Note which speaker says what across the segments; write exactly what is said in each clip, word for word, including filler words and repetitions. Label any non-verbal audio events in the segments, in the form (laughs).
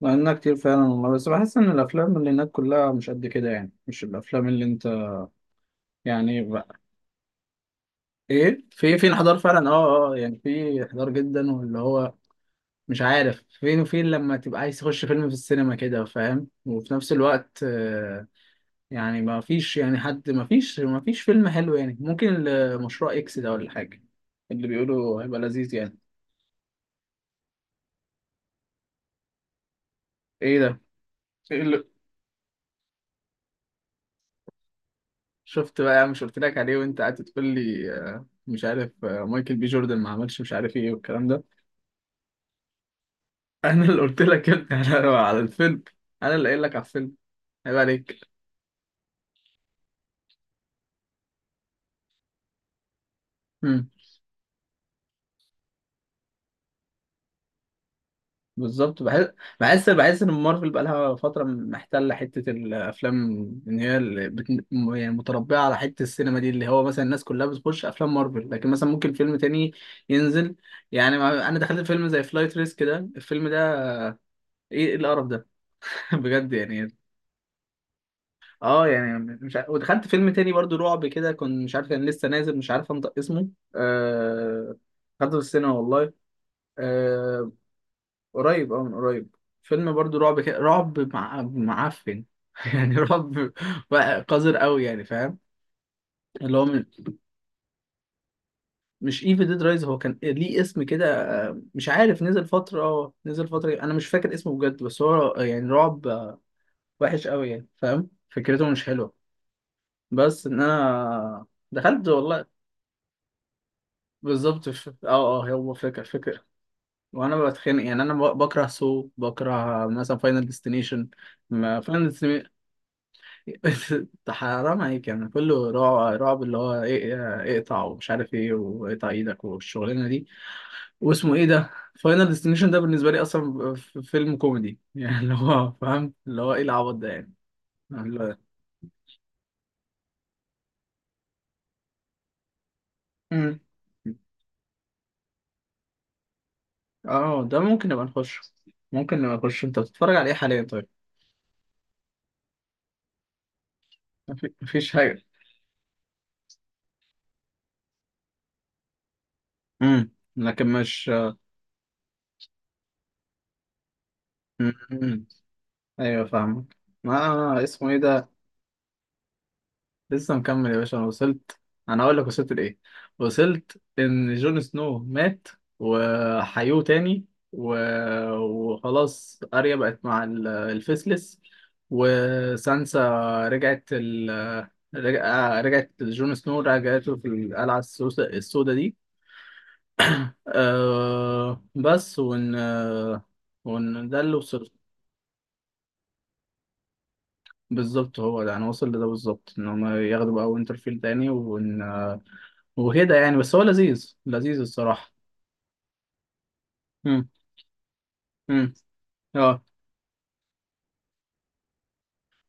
Speaker 1: لأنها كتير فعلا والله، بس بحس إن الأفلام اللي هناك كلها مش قد كده. يعني مش الأفلام اللي أنت، يعني بقى. إيه، في في انحدار فعلا. أه أه آه، يعني في انحدار جدا، واللي هو مش عارف فين وفين. لما تبقى عايز تخش فيلم في السينما كده، فاهم؟ وفي نفس الوقت آه، يعني ما فيش، يعني حد، ما فيش ما فيش فيلم حلو. يعني ممكن ال- مشروع إكس ده ولا حاجة اللي بيقولوا هيبقى لذيذ يعني. إيه ده؟ شفت بقى يا عم؟ مش قلت لك عليه وانت قاعد تقول لي آه، مش عارف، آه، مايكل بي جوردن ما عملش مش عارف ايه والكلام ده. (laughs) انا اللي قلت لك يا ابني على (laughs) على الفيلم. انا اللي قايل لك على الفيلم، عيب عليك. امم. بالظبط، بحس. بحس بحس ان مارفل بقى لها فتره محتله حته الافلام. ان هي اللي بت... م- يعني متربعه على حته السينما دي، اللي هو مثلا الناس كلها بتخش افلام مارفل، لكن مثلا ممكن فيلم تاني ينزل. يعني ما- انا دخلت فيلم زي فلايت ريسك ده، الفيلم ده ايه؟ إيه القرف ده؟ (laughs) بجد يعني. اه، يعني مش عارف. ودخلت فيلم تاني برضو رعب كده، كنت مش عارف، كان لسه نازل، مش عارف انطق اسمه. آه... دخلته في السينما والله. آه... قريب، اه، من قريب. فيلم برضو رعب كده، رعب مع... معفن. (laughs) يعني رعب بقى قذر قوي يعني، فاهم؟ اللي هو من... مش ايفل ديد رايز، هو كان ليه اسم كده. آه، مش عارف، نزل فترة، اه نزل فترة، انا مش فاكر اسمه بجد. بس هو يعني رعب آه، وحش قوي يعني، فاهم؟ فكرته مش حلوة، بس ان انا دخلت والله. بالظبط، مش فاكر. اه اه، هو فاكر فاكر. وانا بتخانق. يعني انا ب- بكره سو، بكره مثلا فاينل ديستنيشن. ما فاينل ديستنيشن (laughs) حرام عليك! يعني كله رعب رعب، اللي هو ايه؟ إيه، اقطع ومش عارف ايه، واقطع ايدك والشغلانه دي، واسمه ايه ده. فاينل ديستنيشن ده بالنسبه لي اصلا ف- فيلم كوميدي. (laughs) يعني اللي هو فاهم، اللي هو ايه العبط ده يعني؟ اللي هو... مم. اه، ده ممكن نبقى نخش. ممكن نبقى نخش. انت بتتفرج على ايه حاليا طيب؟ مفي- مفيش حاجه؟ امم. لكن مش. مم. ايوه، فاهمك. ما اسمه ايه ده؟ لسه مكمل يا باشا. انا وصلت، انا اقول لك وصلت لايه. وصلت ان جون سنو مات وحيوه تاني و... وخلاص اريا بقت مع ال- الفيسلس، وسانسا رجعت ال... رجع... رجعت لجون سنو، رجعته في القلعة السوداء السوداء دي. أه... بس وان، وان ده اللي وصلت. بالظبط، هو ده انا واصل لده بالظبط، ان هم ياخدوا بقى وينترفيل تاني وإن... وكده يعني. بس هو لذيذ، لذيذ الصراحه. امم. امم. اه.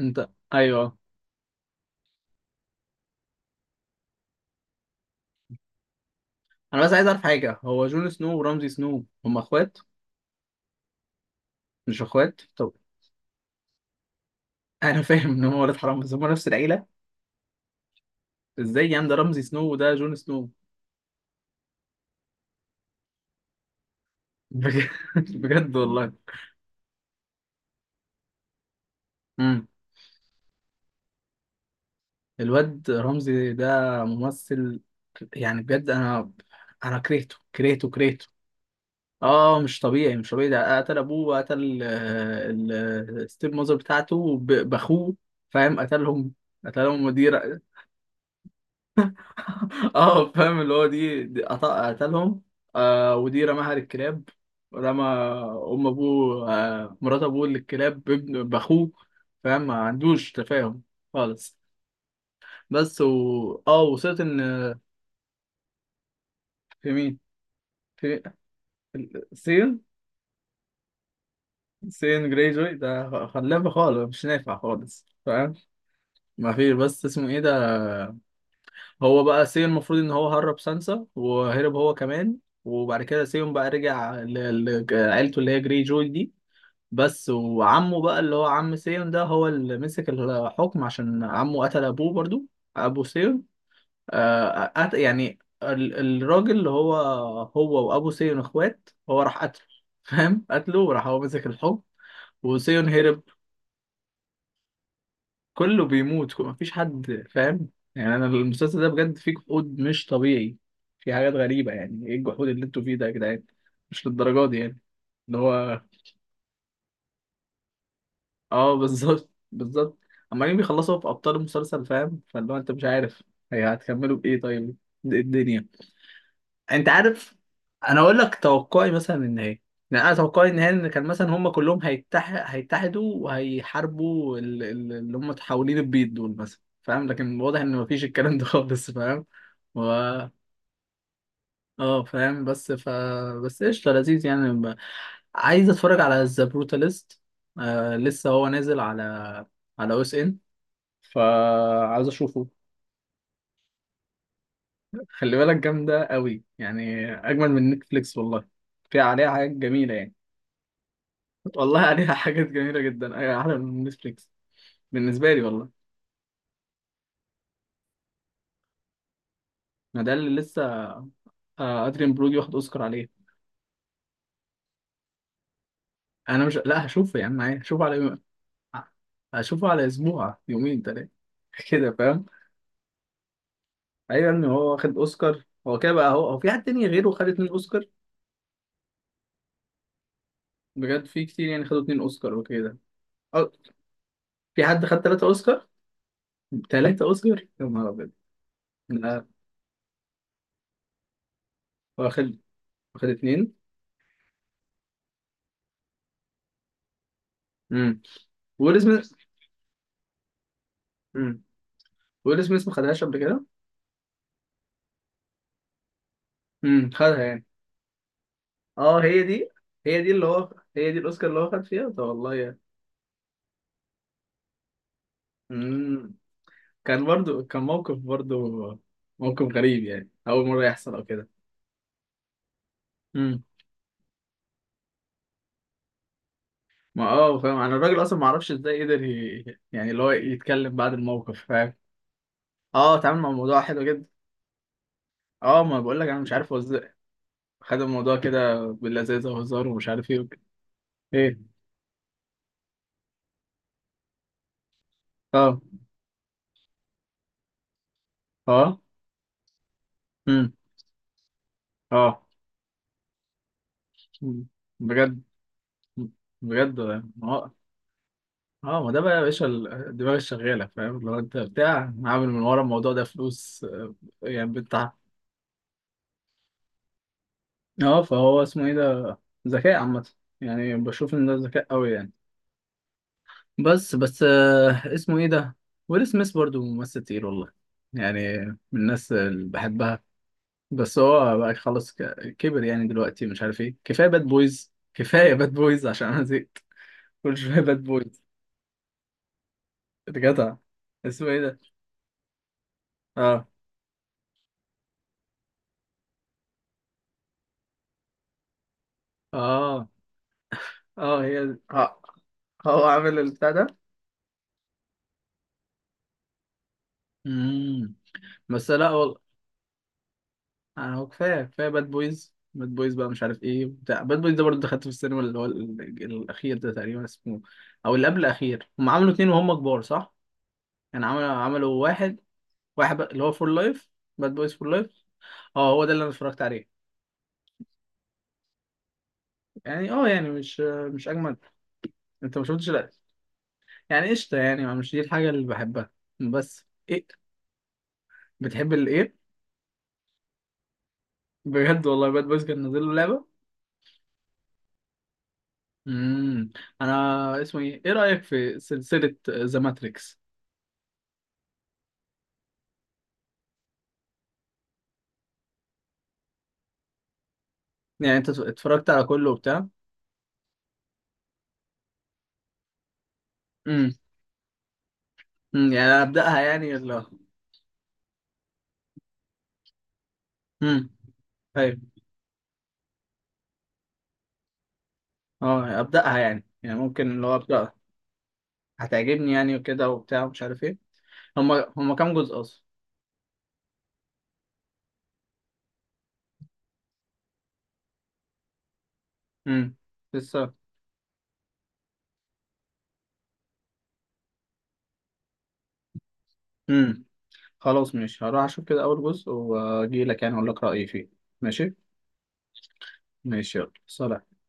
Speaker 1: انت، ايوه. انا بس عايز اعرف حاجه: هو جون سنو ورمزي سنو هم اخوات؟ مش اخوات طب؟ (laughs) انا فاهم ان هم ولاد حرام، بس هم نفس العيله. ازاي يعني؟ ده رمزي سنو وده جون سنو. بجد؟ (laughs) بجد والله؟ امم. الواد رمزي ده ممثل، يعني بجد. انا انا كرهته كرهته كرهته. اه، مش طبيعي، مش طبيعي. ده قتل ابوه، وقتل آه، ال- آه، الستيب ماذر بتاعته ب- باخوه. فاهم؟ قتلهم، قتلهم. ودي ر- (laughs) اه، فاهم اللي هو دي, دي قط- قتلهم. آه، ودي رماها للكلاب، رمى ام ابوه، آه مرات ابوه، للكلاب، بابن باخوه. فاهم؟ ما عندوش تفاهم خالص. بس و، اه، وصلت ان. في مين؟ في سين، سين جريجوي ده خلابه خالص، مش نافع خالص، فاهم؟ ما فيش. بس اسمه ايه ده؟ هو بقى سي، المفروض ان هو هرب سانسا وهرب هو كمان، وبعد كده سيون بقى رجع ل- لعيلته اللي هي جري جوي دي. بس وعمه بقى، اللي هو عم سيون ده، هو اللي مسك الحكم، عشان عمه قتل ابوه برضو، ابو سيون. آه، قت- يعني ال- الراجل اللي هو، هو وابو سيون اخوات، هو راح قتله. فاهم؟ قتله وراح هو مسك الحكم، وسيون هرب. كله بيموت، مفيش حد، فاهم؟ يعني انا المسلسل ده بجد فيه جحود مش طبيعي، في حاجات غريبة. يعني ايه الجحود اللي انتوا فيه ده يا جدعان؟ مش للدرجة دي يعني. اللي هو (laughs) اه، بالظبط بالظبط. عمالين بيخلصوا في ابطال المسلسل، فاهم؟ فاللي هو انت مش عارف هي هتكملوا بايه طيب؟ إيه الدنيا؟ انت عارف، انا اقول لك توقعي مثلا النهائي. يعني انا توقعي النهائي ان كان مثلا هم كلهم هيتحد، هيتحدوا وهيحاربوا ال- ال- اللي هم حاولين، البيض دول مثلا، فاهم؟ لكن واضح ان مفيش الكلام ده (laughs) خالص، فاهم؟ و... اه فاهم، بس ف، بس قشطه، لذيذ يعني. ب... عايز اتفرج على ذا بروتاليست. آه، لسه هو نازل على على او اس ان، فعايز اشوفه. خلي بالك جامده قوي يعني، اجمل من نتفليكس والله. فيها، عليها حاجات جميله يعني. والله عليها (laughs) حاجات جميلة جدا. أيوة، أحلى من نتفليكس بالنسبة لي والله. ما ده اللي لسه. آه، أدريان برودي واخد أوسكار عليه. أنا مش، لا هشوفه يا عم عادي، هشوفه على يوم، هشوفه على أسبوع، يومين تلاتة. (laughs) كده، فاهم؟ أيوة، إن هو واخد أوسكار، هو كده بقى؟ هو، هو في حد تاني غيره خد اتنين أوسكار؟ بجد في كتير يعني خدوا اتنين أوسكار وكده؟ أو، في حد خد تلاتة أوسكار؟ تلاتة أوسكار، يا نهار أبيض! لا، واخد، واخد اتنين. امم. ويل سميث. امم. ويل سميث ما خدهاش قبل كده. امم، خدها يعني. اه، هي دي. هي دي اللي هو، هي دي الاوسكار اللي هو خد فيها ده، والله يعني. امم. كان برضو، كان موقف، برضو موقف غريب. يعني اول مره يحصل او كده. امم. ما اه، فاهم انا الراجل اصلا، ما اعرفش ازاي قدر ي... يعني اللي هو يتكلم بعد الموقف، فاهم؟ اه، اتعامل مع الموضوع حلو جدا. اه، ما بقول لك انا مش عارف هو ازاي خد الموضوع كده باللذاذه وهزار ومش عارف ايه وكده. ايه. اه. اه. امم. اه. مم. بجد. بجد والله. ما هو، اه، ما ده بقى يا باشا ال- الدماغ الشغاله، فاهم؟ لو انت بتاع، عامل من ورا الموضوع ده فلوس آه، يعني بتاع، اه، فهو اسمه ايه ده، ذكاء عامه. يعني بشوف ان ده ذكاء قوي يعني. بس بس آه، اسمه ايه ده. ويل سميث برضو ممثل تقيل والله يعني، من الناس اللي بحبها. بس هو بقى خلاص ك- كبر. يعني دلوقتي مش عارف ايه، كفايه باد بويز، كفايه باد بويز، عشان انا زهقت. (laughs) كل شويه باد بويز. جدع، اسمه ايه ده؟ اه. اه. اه هي، اه. هو عامل البتاع ده. امم. بس لا والله. انا هو، كفايه كفايه باد بويز، باد بويز بقى، مش عارف ايه بتاع باد بويز ده. برضه دخلت في السينما اللي هو ال- ال- الاخير ده تقريبا اسمه، او اللي قبل الاخير. هم عملوا اتنين وهم كبار، صح؟ يعني عملوا، عملوا واحد. واحد بقى، اللي هو فور لايف، باد بويز فور لايف. اه، هو ده اللي انا اتفرجت عليه. يعني اه، يعني مش، مش اجمد. انت ما شفتش، لا؟ يعني قشطه يعني، ما مش دي الحاجه اللي بحبها. بس ايه؟ بتحب الايه؟ بجد والله؟ باد بويز كان نازل له لعبه. امم. انا اسمه ايه، ايه رايك في سلسله ذا ماتريكس؟ يعني انت اتفرجت على كله وبتاع. امم. أمم، يعني انا ابداها، يعني اللي. امم. ايوه. اه ابداها يعني، يعني ممكن اللي هو ابداها هتعجبني يعني، وكده وبتاع ومش عارف ايه. هما هما كام جزء اصلا؟ امم. لسه. امم. خلاص ماشي، هروح اشوف كده اول جزء واجي لك يعني اقول لك رايي فيه. ماشي. ماشي، يلا سلام.